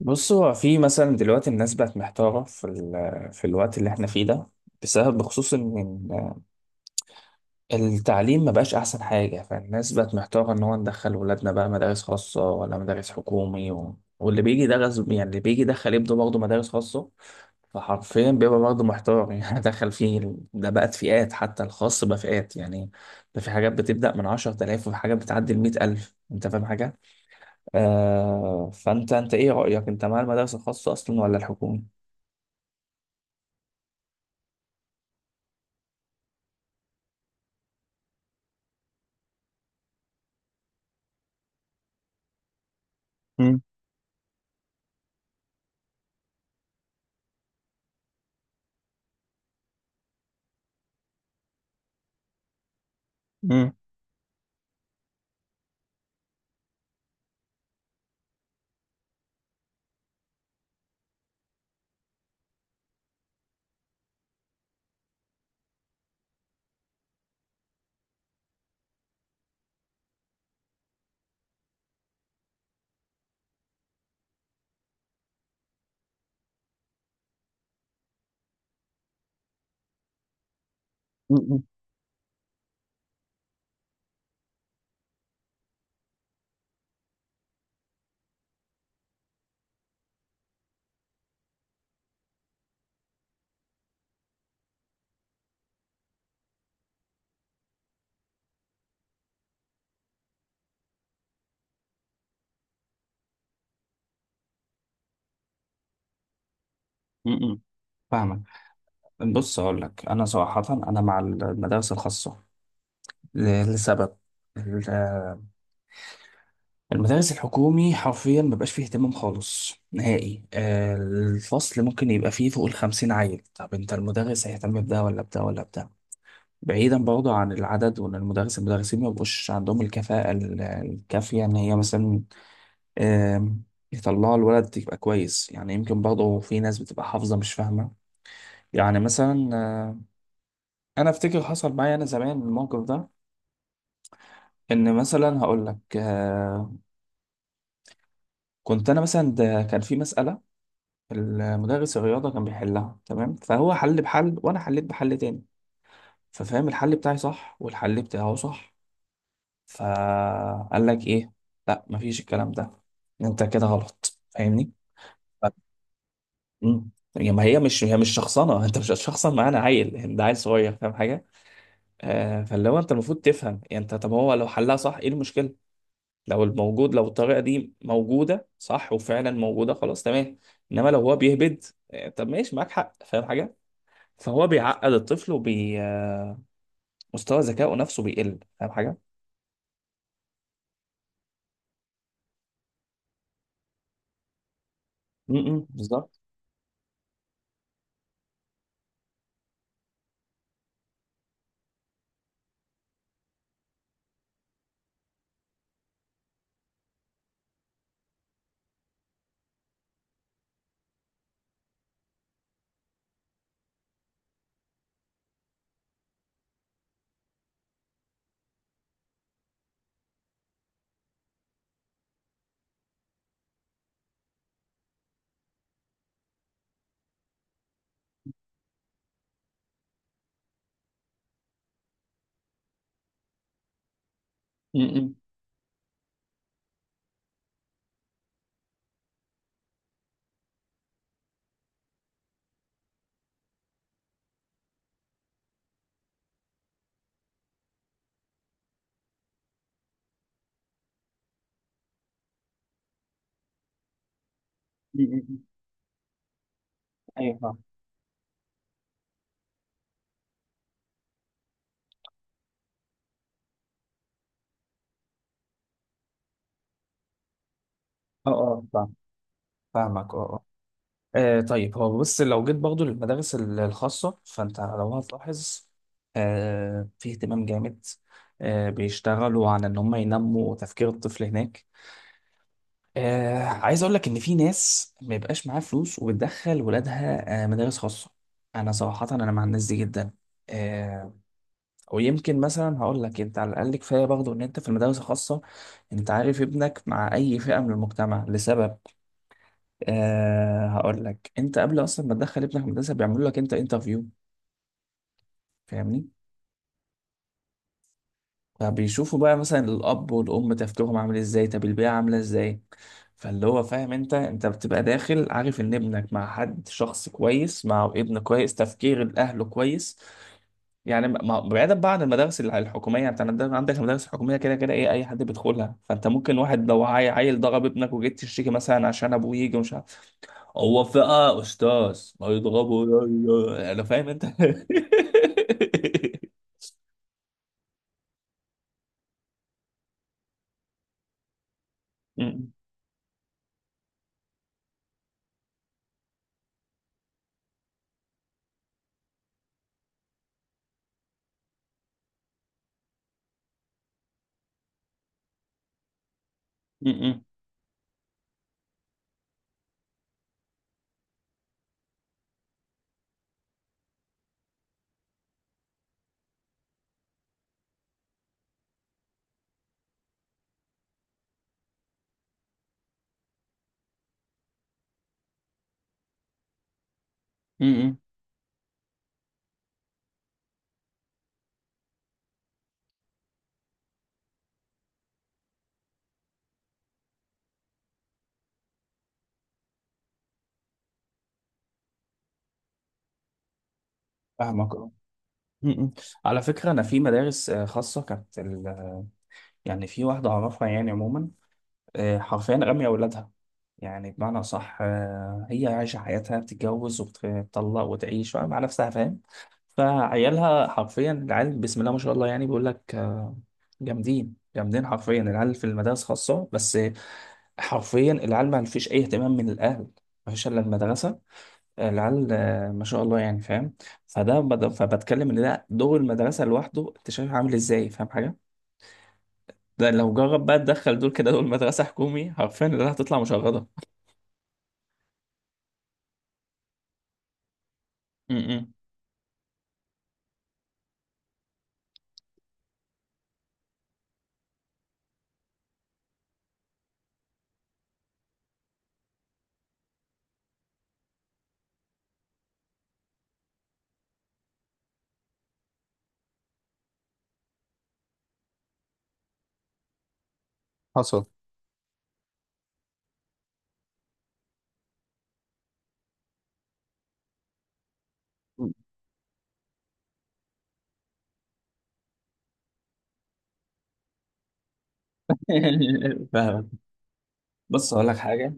بص هو في مثلا دلوقتي الناس بقت محتارة في في الوقت اللي احنا فيه ده بسبب بخصوص ان إن التعليم ما بقاش احسن حاجة، فالناس بقت محتارة ان هو ندخل ولادنا بقى مدارس خاصة ولا مدارس حكومي، و... واللي بيجي ده غصب، يعني اللي بيجي يدخل ابنه برضه مدارس خاصة. فحرفيا بيبقى برضه محتار يعني ده بقت فئات، حتى الخاص بقى فئات يعني. ده في حاجات بتبدأ من 10000 وفي حاجات بتعدي ال 100000، انت فاهم حاجة؟ آه، فانت انت ايه رأيك، انت مع المدارس الخاصة اصلا ولا الحكومي؟ مم. مم. مم. مم. فاهمك. بص اقول لك انا صراحه، انا مع المدارس الخاصه لسبب. ال- المدارس الحكومي حرفيا مبقاش فيه اهتمام خالص نهائي. الفصل ممكن يبقى فيه فوق الخمسين عيل، طب انت المدرس هيهتم بده ولا بده ولا بده؟ بعيدا برضه عن العدد، وان المدرسين مبقوش عندهم الكفاءه الكافيه ان هي مثلا آم، يطلعوا الولد يبقى كويس. يعني يمكن برضه في ناس بتبقى حافظة مش فاهمة. يعني مثلا أنا أفتكر حصل معايا أنا زمان الموقف ده. إن مثلا هقول لك، كنت أنا مثلا ده كان في مسألة، المدرس الرياضة كان بيحلها تمام، فهو حل بحل وأنا حليت بحل تاني. ففهم الحل بتاعي صح والحل بتاعه صح، فقال لك إيه؟ لا، مفيش الكلام ده، أنت كده غلط. فاهمني؟ مم. يعني ما هي مش شخصنه انت مش هتشخصن معانا عيل يعني، ده عيل صغير فاهم حاجه؟ آه، فاللي هو انت المفروض تفهم يعني. انت طب هو لو حلها صح، ايه المشكله؟ لو الموجود، لو الطريقه دي موجوده صح، وفعلا موجوده، خلاص تمام. انما لو هو بيهبد، طب ماشي، معاك حق، فاهم حاجه؟ فهو بيعقد الطفل ومستوى ذكائه نفسه بيقل، فاهم حاجه؟ امم، بالظبط. امم. م- م- م. ايوه فاهم. اه فاهم. فاهمك اه. آه طيب، هو بص لو جيت برضه للمدارس الخاصة فأنت لو هتلاحظ، آه، في اهتمام جامد، آه، بيشتغلوا على إن هم ينموا تفكير الطفل هناك. آه عايز أقول لك إن في ناس ما يبقاش معاها فلوس وبتدخل ولادها آه مدارس خاصة، أنا صراحة أنا مع الناس دي جدا. آه، ويمكن مثلا هقول لك، أنت على الأقل كفاية برضه إن أنت في المدارس الخاصة أنت عارف ابنك مع أي فئة من المجتمع. لسبب، أه هقول لك، انت قبل اصلا ما تدخل ابنك مدرسه بيعملوا لك انت انترفيو. فاهمني؟ فبيشوفوا بقى مثلا الاب والام تفكيرهم عامل ازاي، طب البيئه عامله ازاي. فاللي هو فاهم، انت بتبقى داخل عارف ان ابنك مع حد شخص كويس، مع ابن كويس، تفكير الاهل كويس. يعني بعيدا بقى عن المدارس الحكوميه يعني. انت عندك المدارس الحكوميه كده كده، ايه اي حد بيدخلها. فانت ممكن واحد لو عيل ضرب ابنك وجيت تشتكي مثلا عشان ابوه يجي، ومش هو فئة أستاذ، ما يضربوا، أنا فاهم أنت م- م- م- م- فاهمك اه. م- م. على فكرة، أنا في مدارس خاصة كانت يعني في واحدة أعرفها يعني. عموما، حرفيا رامية أولادها. يعني بمعنى صح، هي عايشة حياتها، بتتجوز وبتطلق وتعيش مع نفسها، فاهم؟ فعيالها حرفيا، العيال بسم الله ما شاء الله، يعني بيقول لك جامدين جامدين حرفيا العيال في المدارس خاصة. بس حرفيا العيال ما فيش اي اهتمام من الاهل، ما فيش الا المدرسه. العيال ما شاء الله يعني، فاهم؟ فبتكلم ان ده دور المدرسه لوحده، انت شايف عامل ازاي، فاهم حاجه؟ ده لو جرب بقى تدخل دول كده دول مدرسه حكومي، حرفيا اللي هتطلع مشردة. م- حصل. م. فاهمك. بص هقول لك حاجه،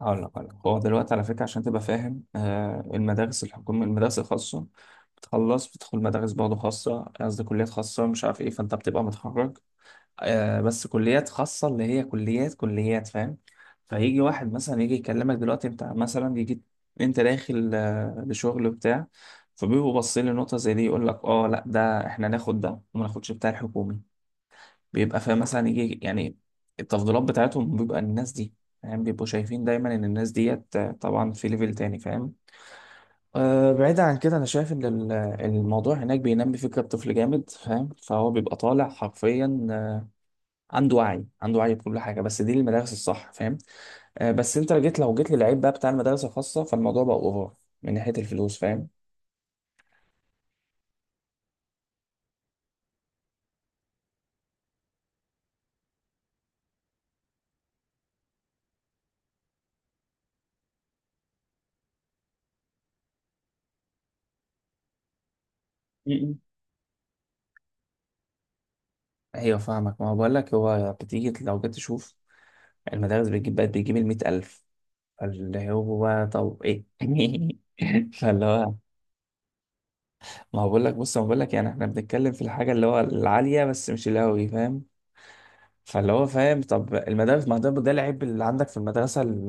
هقول لك هو دلوقتي على فكره، عشان تبقى فاهم، المدارس الحكوميه المدارس الخاصه بتخلص بتدخل مدارس برضه خاصه، قصدي كليات خاصه مش عارف ايه، فانت بتبقى متخرج بس كليات خاصة، اللي هي كليات فاهم. فيجي واحد مثلا يجي يكلمك دلوقتي، انت مثلا يجي انت داخل لشغل بتاع، فبيبقوا باصين لنقطة زي دي، يقول لك اه لا ده احنا ناخد ده وما ناخدش بتاع الحكومي. بيبقى فاهم مثلا يجي يعني التفضيلات بتاعتهم، بيبقى الناس دي فاهم، بيبقوا شايفين دايما ان الناس ديت طبعا في ليفل تاني، فاهم؟ أه بعيد عن كده، انا شايف ان الموضوع هناك بينمي فكرة الطفل جامد فاهم، فهو بيبقى طالع حرفيا عنده وعي بكل حاجه، بس دي المدارس الصح فاهم. آه بس انت جيت، لو جيت للعيب بقى بتاع المدارس الخاصه، فالموضوع بقى اوفر من ناحيه الفلوس فاهم. م- ايوه فاهمك. ما هو بقول لك، هو بتيجي لو جيت تشوف، المدارس بقت بتجيب ال 100000، فاللي هو بقى طب ايه فاللي هو، ما هو بقول لك بص، ما بقول لك يعني، احنا بنتكلم في الحاجه اللي هو العاليه بس مش اللي هو فاهم. فاللي هو فاهم، طب المدارس، ما ده العيب اللي عندك في المدرسه.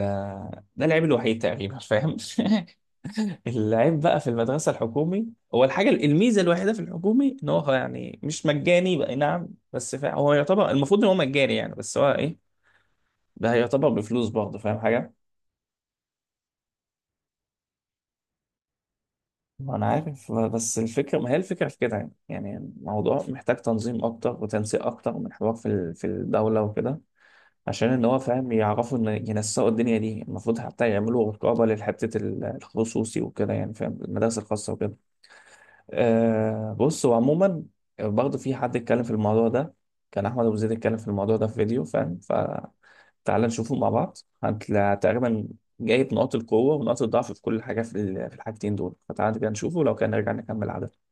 ده العيب الوحيد تقريبا فاهم العيب بقى في المدرسة الحكومي، هو الحاجة الميزة الوحيدة في الحكومي ان هو يعني مش مجاني بقى، نعم. بس فا هو يعتبر المفروض ان هو مجاني يعني، بس هو ايه، ده يعتبر بفلوس برضه، فاهم حاجة؟ ما انا عارف، بس الفكرة، ما هي الفكرة في كده يعني. يعني الموضوع محتاج تنظيم اكتر وتنسيق اكتر من حوار في في الدولة وكده، عشان ان هو فاهم، يعرفوا ان ينسقوا الدنيا دي، المفروض حتى يعملوا رقابة لحتة الخصوصي وكده يعني، فاهم، المدارس الخاصة وكده. أه بص هو عموما برضه في حد اتكلم في الموضوع ده، كان احمد ابو زيد اتكلم في الموضوع ده في فيديو، فاهم، فتعال نشوفه مع بعض. هتلاقي تقريبا جايب نقاط القوه ونقاط الضعف في كل حاجه في في الحاجتين دول، فتعال كده نشوفه، لو كان نرجع نكمل عدد.